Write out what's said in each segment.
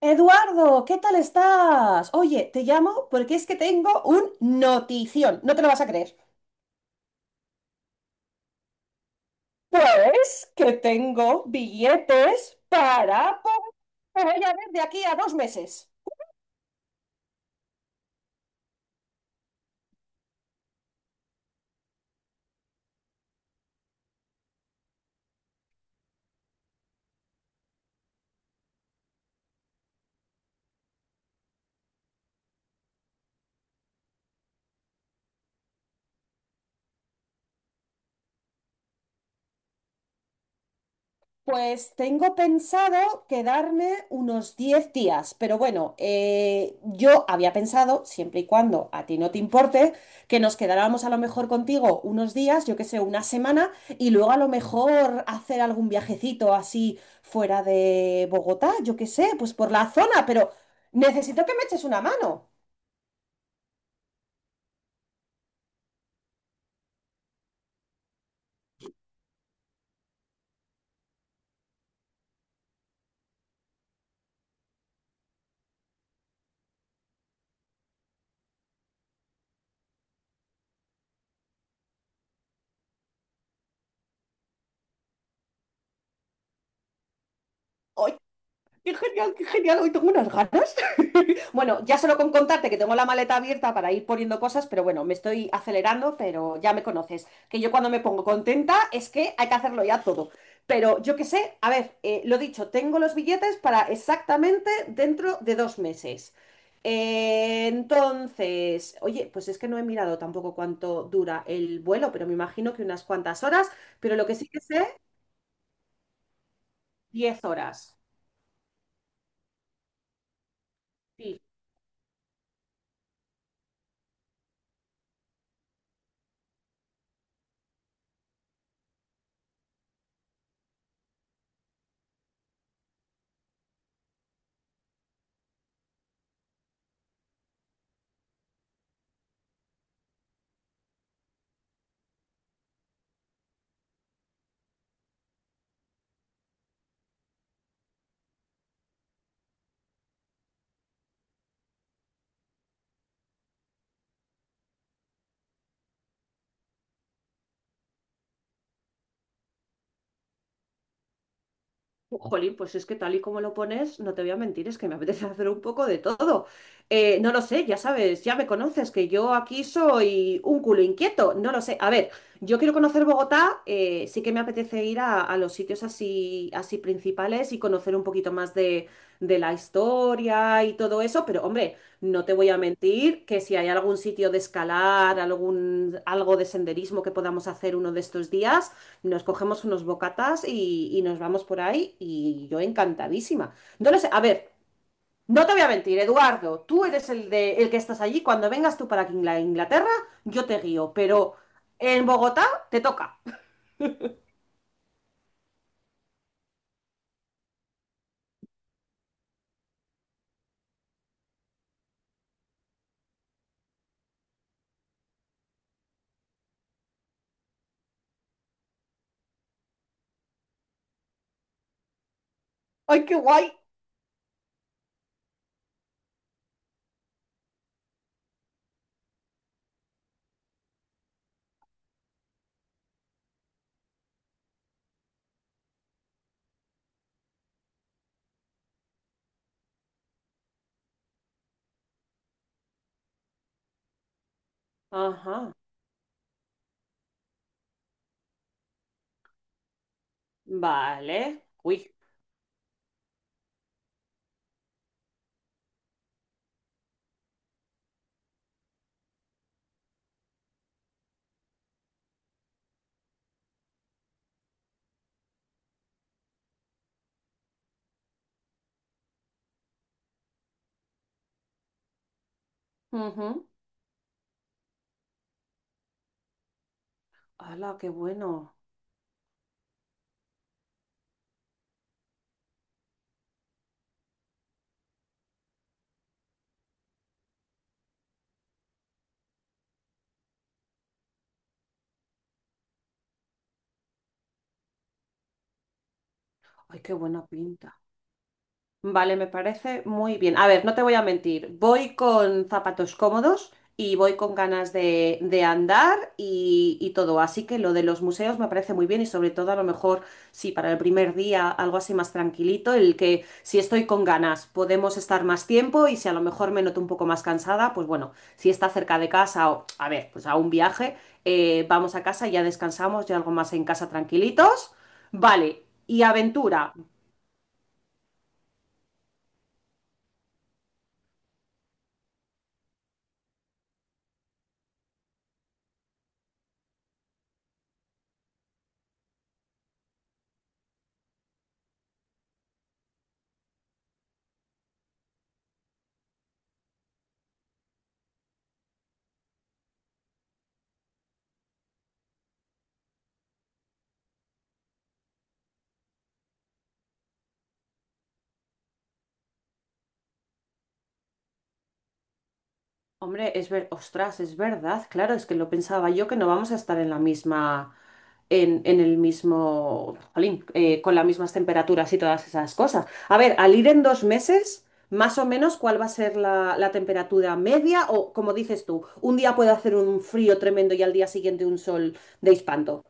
Eduardo, ¿qué tal estás? Oye, te llamo porque es que tengo un notición, no te lo vas a creer. Pues que tengo billetes que voy a ver de aquí a 2 meses. Pues tengo pensado quedarme unos 10 días, pero bueno, yo había pensado, siempre y cuando a ti no te importe, que nos quedáramos a lo mejor contigo unos días, yo qué sé, una semana, y luego a lo mejor hacer algún viajecito así fuera de Bogotá, yo qué sé, pues por la zona, pero necesito que me eches una mano. Qué genial, hoy tengo unas ganas. Bueno, ya solo con contarte que tengo la maleta abierta para ir poniendo cosas, pero bueno, me estoy acelerando, pero ya me conoces, que yo cuando me pongo contenta es que hay que hacerlo ya todo. Pero yo qué sé, a ver, lo dicho, tengo los billetes para exactamente dentro de 2 meses. Entonces, oye, pues es que no he mirado tampoco cuánto dura el vuelo, pero me imagino que unas cuantas horas, pero lo que sí que sé, 10 horas. Sí. Jolín, pues es que tal y como lo pones, no te voy a mentir, es que me apetece hacer un poco de todo. No lo sé, ya sabes, ya me conoces, que yo aquí soy un culo inquieto, no lo sé. A ver, yo quiero conocer Bogotá, sí que me apetece ir a los sitios así, así principales y conocer un poquito más de la historia y todo eso, pero hombre, no te voy a mentir que si hay algún sitio de escalar, algún, algo de senderismo que podamos hacer uno de estos días. Nos cogemos unos bocatas y nos vamos por ahí y yo encantadísima. No lo sé, a ver, no te voy a mentir, Eduardo, tú eres el que estás allí, cuando vengas tú para aquí a Inglaterra, yo te guío, pero en Bogotá te toca. ¡Ay, qué guay! Ajá, vale, uy. Ujú. ¡Hala, qué bueno! ¡Ay, qué buena pinta! Vale, me parece muy bien. A ver, no te voy a mentir, voy con zapatos cómodos y voy con ganas de andar y todo, así que lo de los museos me parece muy bien y sobre todo a lo mejor, sí, para el primer día algo así más tranquilito, el que si estoy con ganas podemos estar más tiempo y si a lo mejor me noto un poco más cansada, pues bueno, si está cerca de casa o, a ver, pues a un viaje, vamos a casa, ya descansamos, ya algo más en casa tranquilitos. Vale, y aventura. Hombre, es ver, ostras, es verdad, claro, es que lo pensaba yo que no vamos a estar en la misma, en el mismo, jolín, con las mismas temperaturas y todas esas cosas. A ver, al ir en dos meses, más o menos, ¿cuál va a ser la temperatura media? O, como dices tú, un día puede hacer un frío tremendo y al día siguiente un sol de espanto.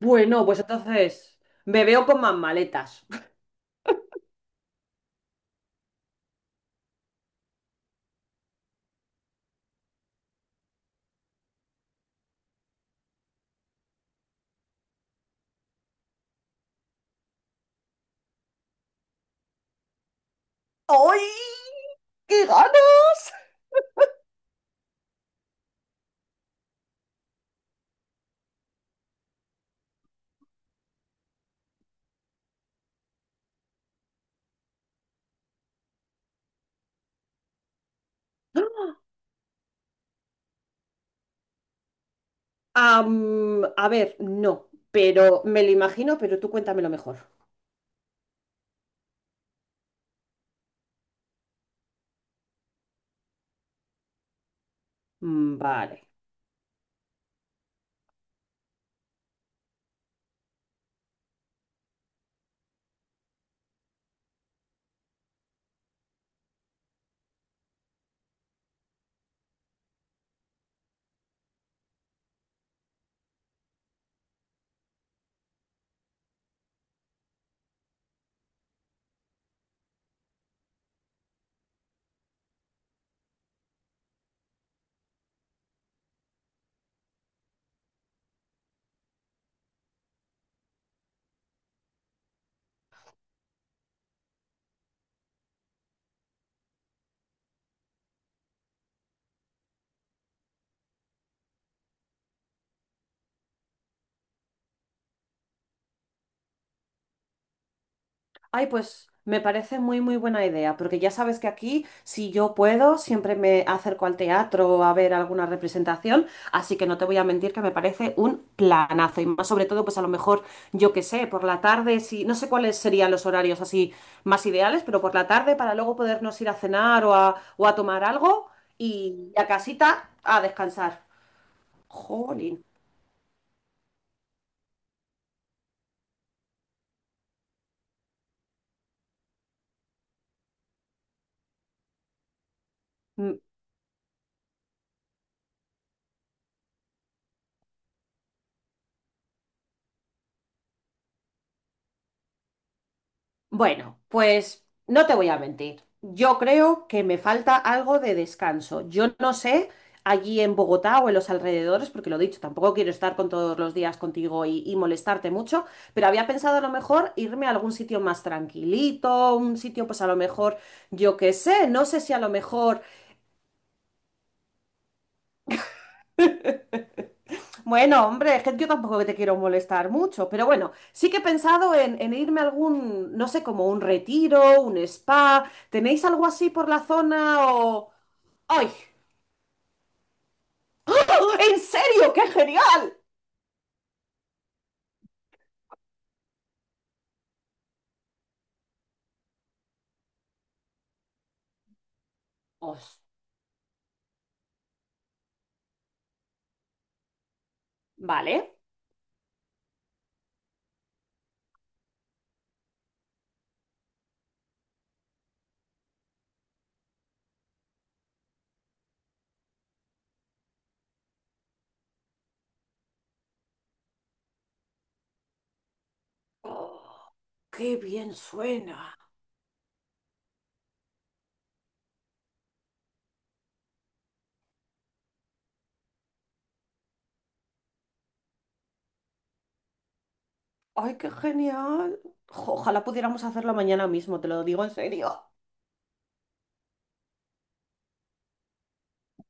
Bueno, pues entonces me veo con más maletas. ¡Ay, qué ganas! Am, a ver, no, pero me lo imagino, pero tú cuéntamelo mejor. Mm, vale. Ay, pues me parece muy, muy buena idea, porque ya sabes que aquí, si yo puedo, siempre me acerco al teatro a ver alguna representación, así que no te voy a mentir que me parece un planazo, y más sobre todo, pues a lo mejor, yo qué sé, por la tarde, si, no sé cuáles serían los horarios así más ideales, pero por la tarde para luego podernos ir a cenar o o a tomar algo y a casita a descansar. Jolín. Bueno, pues no te voy a mentir. Yo creo que me falta algo de descanso. Yo no sé allí en Bogotá o en los alrededores, porque lo dicho, tampoco quiero estar con todos los días contigo y molestarte mucho, pero había pensado a lo mejor irme a algún sitio más tranquilito, un sitio pues a lo mejor, yo qué sé, no sé si a lo mejor, bueno, hombre, es que yo tampoco te quiero molestar mucho, pero bueno, sí que he pensado en irme a algún, no sé, como un retiro, un spa. ¿Tenéis algo así por la zona o... ¡Ay! ¡Oh! ¿En serio? ¡Qué genial! Os- ¿vale? Oh, ¡qué bien suena! ¡Ay, qué genial! Jo, ojalá pudiéramos hacerlo mañana mismo, te lo digo en serio.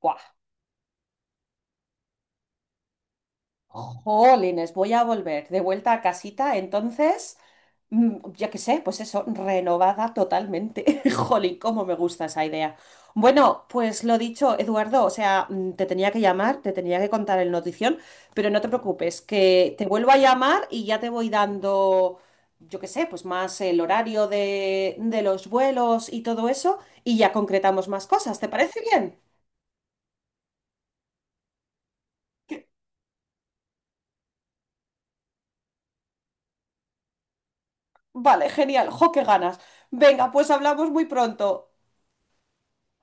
Buah. Jolines, voy a volver de vuelta a casita, entonces. Mm, yo qué sé, pues eso, renovada totalmente. Jolín, cómo me gusta esa idea. Bueno, pues lo dicho, Eduardo, o sea, mm, te tenía que llamar, te tenía que contar el notición, pero no te preocupes, que te vuelvo a llamar y ya te voy dando, yo qué sé, pues más el horario de los vuelos y todo eso, y ya concretamos más cosas, ¿te parece bien? Vale, genial, jo, qué ganas. Venga, pues hablamos muy pronto.